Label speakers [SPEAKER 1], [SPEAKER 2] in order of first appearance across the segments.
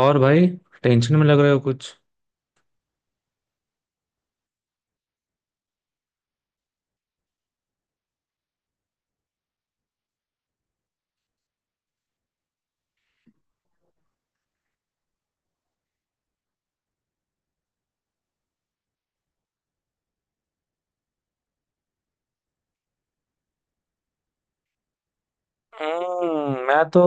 [SPEAKER 1] और भाई टेंशन में लग रहे हो कुछ। हम्म।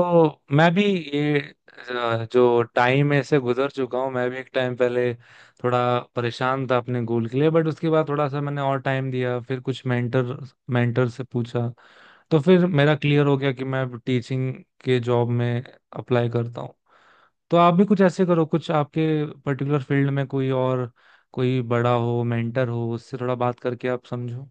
[SPEAKER 1] मैं भी ये जो टाइम ऐसे गुजर चुका हूँ। मैं भी एक टाइम पहले थोड़ा परेशान था अपने गोल के लिए, बट उसके बाद थोड़ा सा मैंने और टाइम दिया, फिर कुछ मेंटर मेंटर से पूछा, तो फिर मेरा क्लियर हो गया कि मैं टीचिंग के जॉब में अप्लाई करता हूँ। तो आप भी कुछ ऐसे करो, कुछ आपके पर्टिकुलर फील्ड में कोई और कोई बड़ा हो, मेंटर हो, उससे थोड़ा बात करके आप समझो।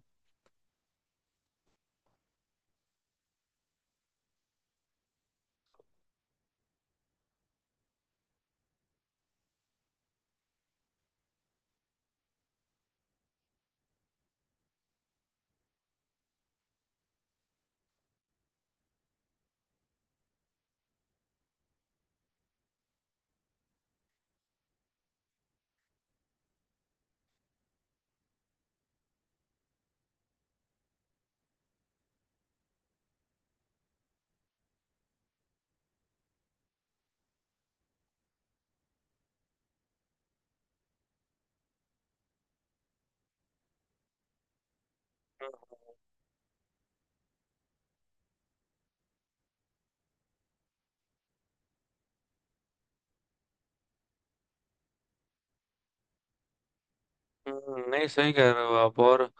[SPEAKER 1] नहीं, सही कह रहे हो आप। और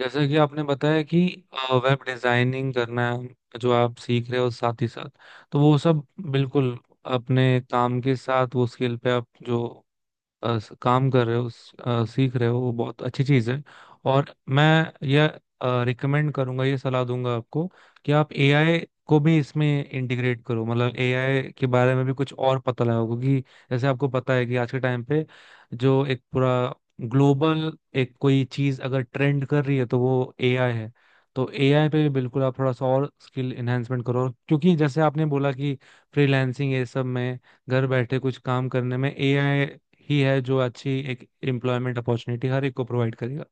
[SPEAKER 1] जैसे कि आपने बताया कि वेब डिजाइनिंग करना जो आप सीख रहे हो साथ ही साथ, तो वो सब बिल्कुल अपने काम के साथ वो स्किल पे आप जो काम कर रहे हो सीख रहे हो, वो बहुत अच्छी चीज़ है। और मैं यह रिकमेंड करूंगा, ये सलाह दूंगा आपको कि आप एआई को भी इसमें इंटीग्रेट करो, मतलब एआई के बारे में भी कुछ और पता लगाओ, क्योंकि जैसे आपको पता है कि आज के टाइम पे जो एक पूरा ग्लोबल एक कोई चीज़ अगर ट्रेंड कर रही है तो वो एआई है। तो एआई पे भी बिल्कुल आप थोड़ा सा और स्किल एनहेंसमेंट करो, क्योंकि जैसे आपने बोला कि फ्रीलांसिंग ये सब में, घर बैठे कुछ काम करने में एआई ही है जो अच्छी एक एम्प्लॉयमेंट अपॉर्चुनिटी हर एक को प्रोवाइड करेगा।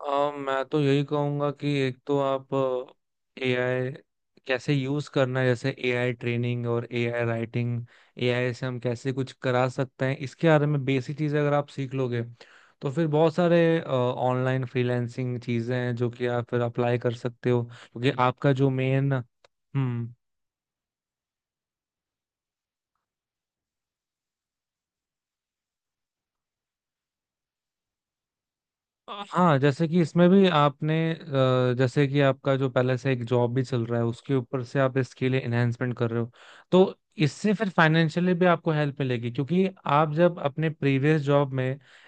[SPEAKER 1] मैं तो यही कहूंगा कि एक तो आप एआई कैसे यूज करना है, जैसे एआई ट्रेनिंग और एआई राइटिंग, एआई से हम कैसे कुछ करा सकते हैं, इसके बारे में बेसिक चीजें अगर आप सीख लोगे तो फिर बहुत सारे ऑनलाइन फ्रीलांसिंग चीजें हैं जो कि आप फिर अप्लाई कर सकते हो, क्योंकि आपका जो मेन। हम्म। हाँ, जैसे कि इसमें भी आपने, जैसे कि आपका जो पहले से एक जॉब भी चल रहा है उसके ऊपर से आप इसके लिए एनहेंसमेंट कर रहे हो, तो इससे फिर फाइनेंशियली भी आपको हेल्प मिलेगी, क्योंकि आप जब अपने प्रीवियस जॉब में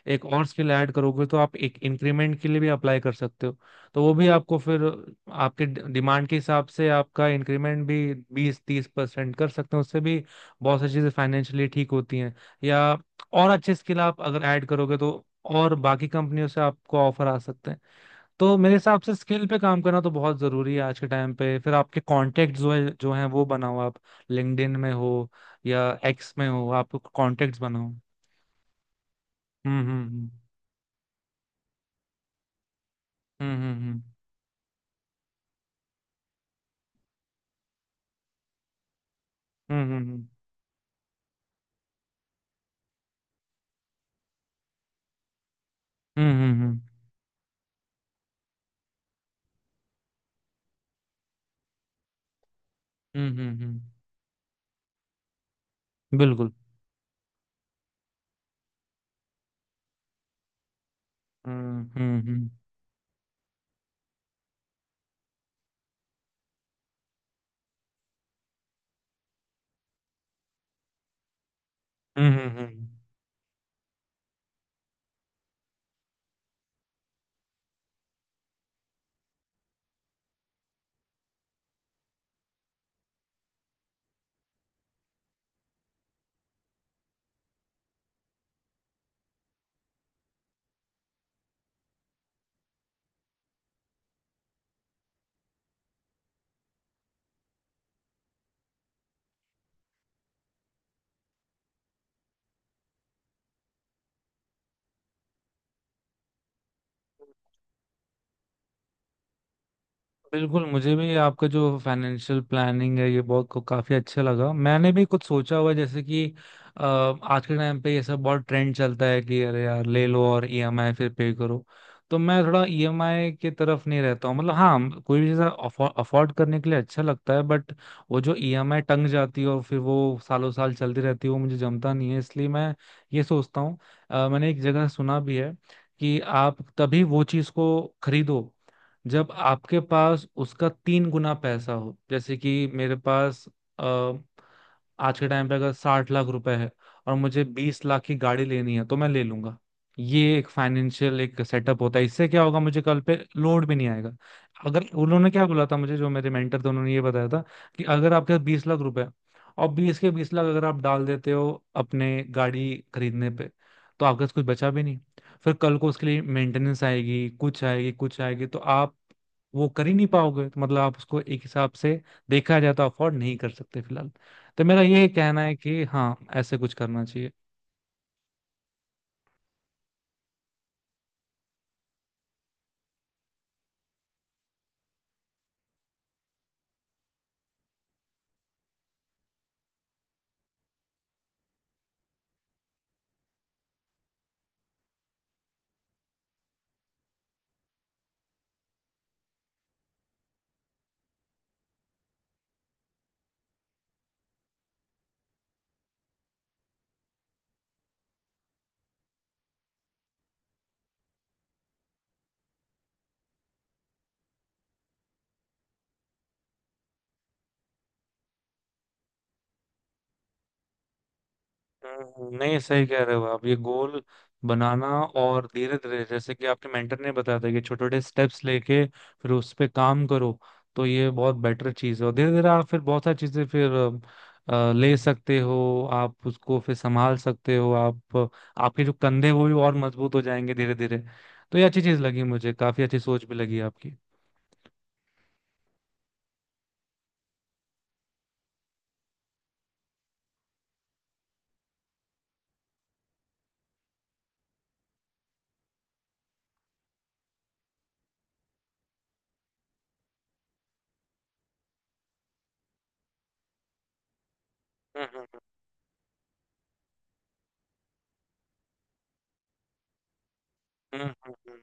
[SPEAKER 1] एक और स्किल ऐड करोगे तो आप एक इंक्रीमेंट के लिए भी अप्लाई कर सकते हो। तो वो भी आपको फिर आपके डिमांड के हिसाब से आपका इंक्रीमेंट भी 20-30% कर सकते हो, उससे भी बहुत सारी चीज़ें फाइनेंशियली ठीक होती हैं, या और अच्छे स्किल आप अगर ऐड करोगे तो और बाकी कंपनियों से आपको ऑफर आ सकते हैं। तो मेरे हिसाब से स्किल पे काम करना तो बहुत जरूरी है आज के टाइम पे। फिर आपके कॉन्टेक्ट जो हैं वो बनाओ आप, लिंक्डइन में हो या एक्स में हो, आप कॉन्टेक्ट बनाओ। हम्म, हम्म, हम्म, हम्म, हम्म, हम्म, हम्म, हम्म, हम्म, हम्म, हम्म, हम्म, बिल्कुल। हम्म, हम्म, हम्म, हम्म, हम्म, हम्म, बिल्कुल, मुझे भी आपका जो फाइनेंशियल प्लानिंग है ये बहुत को काफी अच्छा लगा। मैंने भी कुछ सोचा हुआ है, जैसे कि अ, आज के टाइम पे ये सब बहुत ट्रेंड चलता है कि अरे यार ले लो और ईएमआई फिर पे करो। तो मैं थोड़ा ईएमआई की तरफ नहीं रहता हूँ, मतलब हाँ कोई भी चीज़ अफोर्ड करने के लिए अच्छा लगता है, बट वो जो ईएमआई टंग जाती है और फिर वो सालों साल चलती रहती है वो मुझे जमता नहीं है, इसलिए मैं ये सोचता हूँ। मैंने एक जगह सुना भी है कि आप तभी वो चीज़ को खरीदो जब आपके पास उसका तीन गुना पैसा हो। जैसे कि मेरे पास अ, आज के टाइम पे अगर 60 लाख रुपए है और मुझे 20 लाख की गाड़ी लेनी है, तो मैं ले लूंगा। ये एक फाइनेंशियल एक सेटअप होता है, इससे क्या होगा मुझे कल पे लोड भी नहीं आएगा। अगर उन्होंने क्या बोला था मुझे, जो मेरे मेंटर थे, उन्होंने ये बताया था कि अगर आपके पास 20 लाख रुपए हैं, और 20 के 20 लाख अगर आप डाल देते हो अपने गाड़ी खरीदने पे, तो आपके पास कुछ बचा भी, फिर कल को उसके लिए मेंटेनेंस आएगी, कुछ आएगी कुछ आएगी, तो आप वो कर ही नहीं पाओगे। तो मतलब आप उसको एक हिसाब से देखा जाए तो अफोर्ड नहीं कर सकते फिलहाल। तो मेरा ये कहना है कि हाँ ऐसे कुछ करना चाहिए। नहीं, सही कह रहे हो आप, ये गोल बनाना और धीरे धीरे जैसे कि आपके मेंटर ने बताया था कि छोटे छोटे स्टेप्स लेके फिर उस पे काम करो, तो ये बहुत बेटर चीज़ है। और धीरे धीरे आप फिर बहुत सारी चीज़ें फिर ले सकते हो, आप उसको फिर संभाल सकते हो आप, आपके जो कंधे हैं, वो भी और मजबूत हो जाएंगे धीरे धीरे। तो ये अच्छी चीज़ लगी मुझे, काफ़ी अच्छी सोच भी लगी आपकी। हम्म, हम्म, हम्म,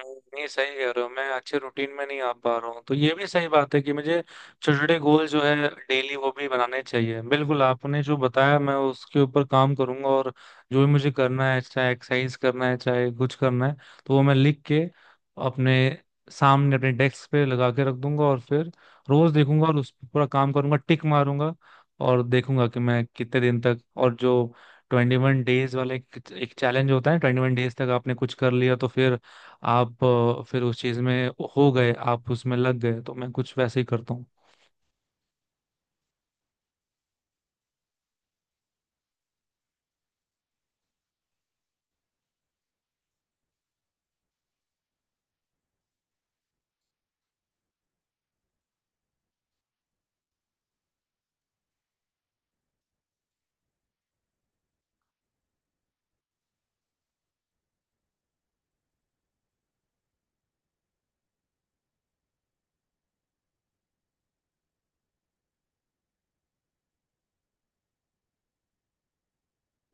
[SPEAKER 1] नहीं, सही कह रहे हो, मैं अच्छे रूटीन में नहीं आ पा रहा हूँ। तो ये भी सही बात है कि मुझे छोटे छोटे गोल जो है, डेली, वो भी बनाने चाहिए। बिल्कुल, आपने जो बताया मैं उसके ऊपर काम करूंगा, और जो भी मुझे करना है, चाहे एक्सरसाइज करना है चाहे कुछ करना है, तो वो मैं लिख के अपने सामने अपने डेस्क पे लगा के रख दूंगा, और फिर रोज देखूंगा और उस पर पूरा काम करूंगा, टिक मारूंगा। और देखूंगा कि मैं कितने दिन तक, और जो 21 days वाले एक एक चैलेंज होता है, 21 days तक आपने कुछ कर लिया तो फिर आप फिर उस चीज में हो गए, आप उसमें लग गए, तो मैं कुछ वैसे ही करता हूँ।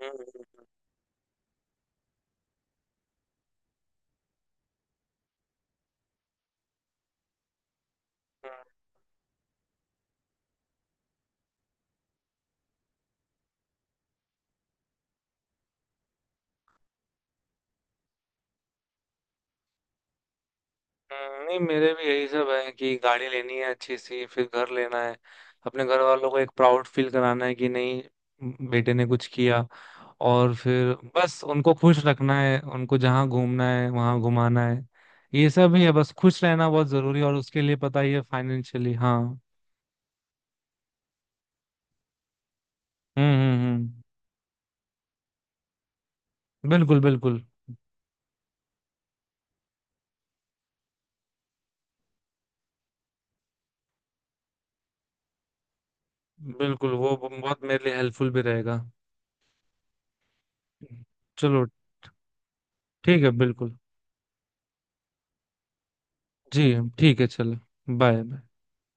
[SPEAKER 1] हम्म, नहीं, मेरे भी यही सब है कि गाड़ी लेनी है अच्छी सी, फिर घर लेना है, अपने घर वालों को एक प्राउड फील कराना है कि नहीं बेटे ने कुछ किया। और फिर बस उनको खुश रखना है, उनको जहाँ घूमना है वहाँ घुमाना है। ये सब ही है, बस खुश रहना बहुत जरूरी है, और उसके लिए पता ही है, फाइनेंशियली हाँ। हम्म, हम्म, हम्म। बिल्कुल, बिल्कुल। बिल्कुल, वो बहुत मेरे लिए हेल्पफुल भी रहेगा। चलो, ठीक है, बिल्कुल। जी, ठीक है, चलो, बाय।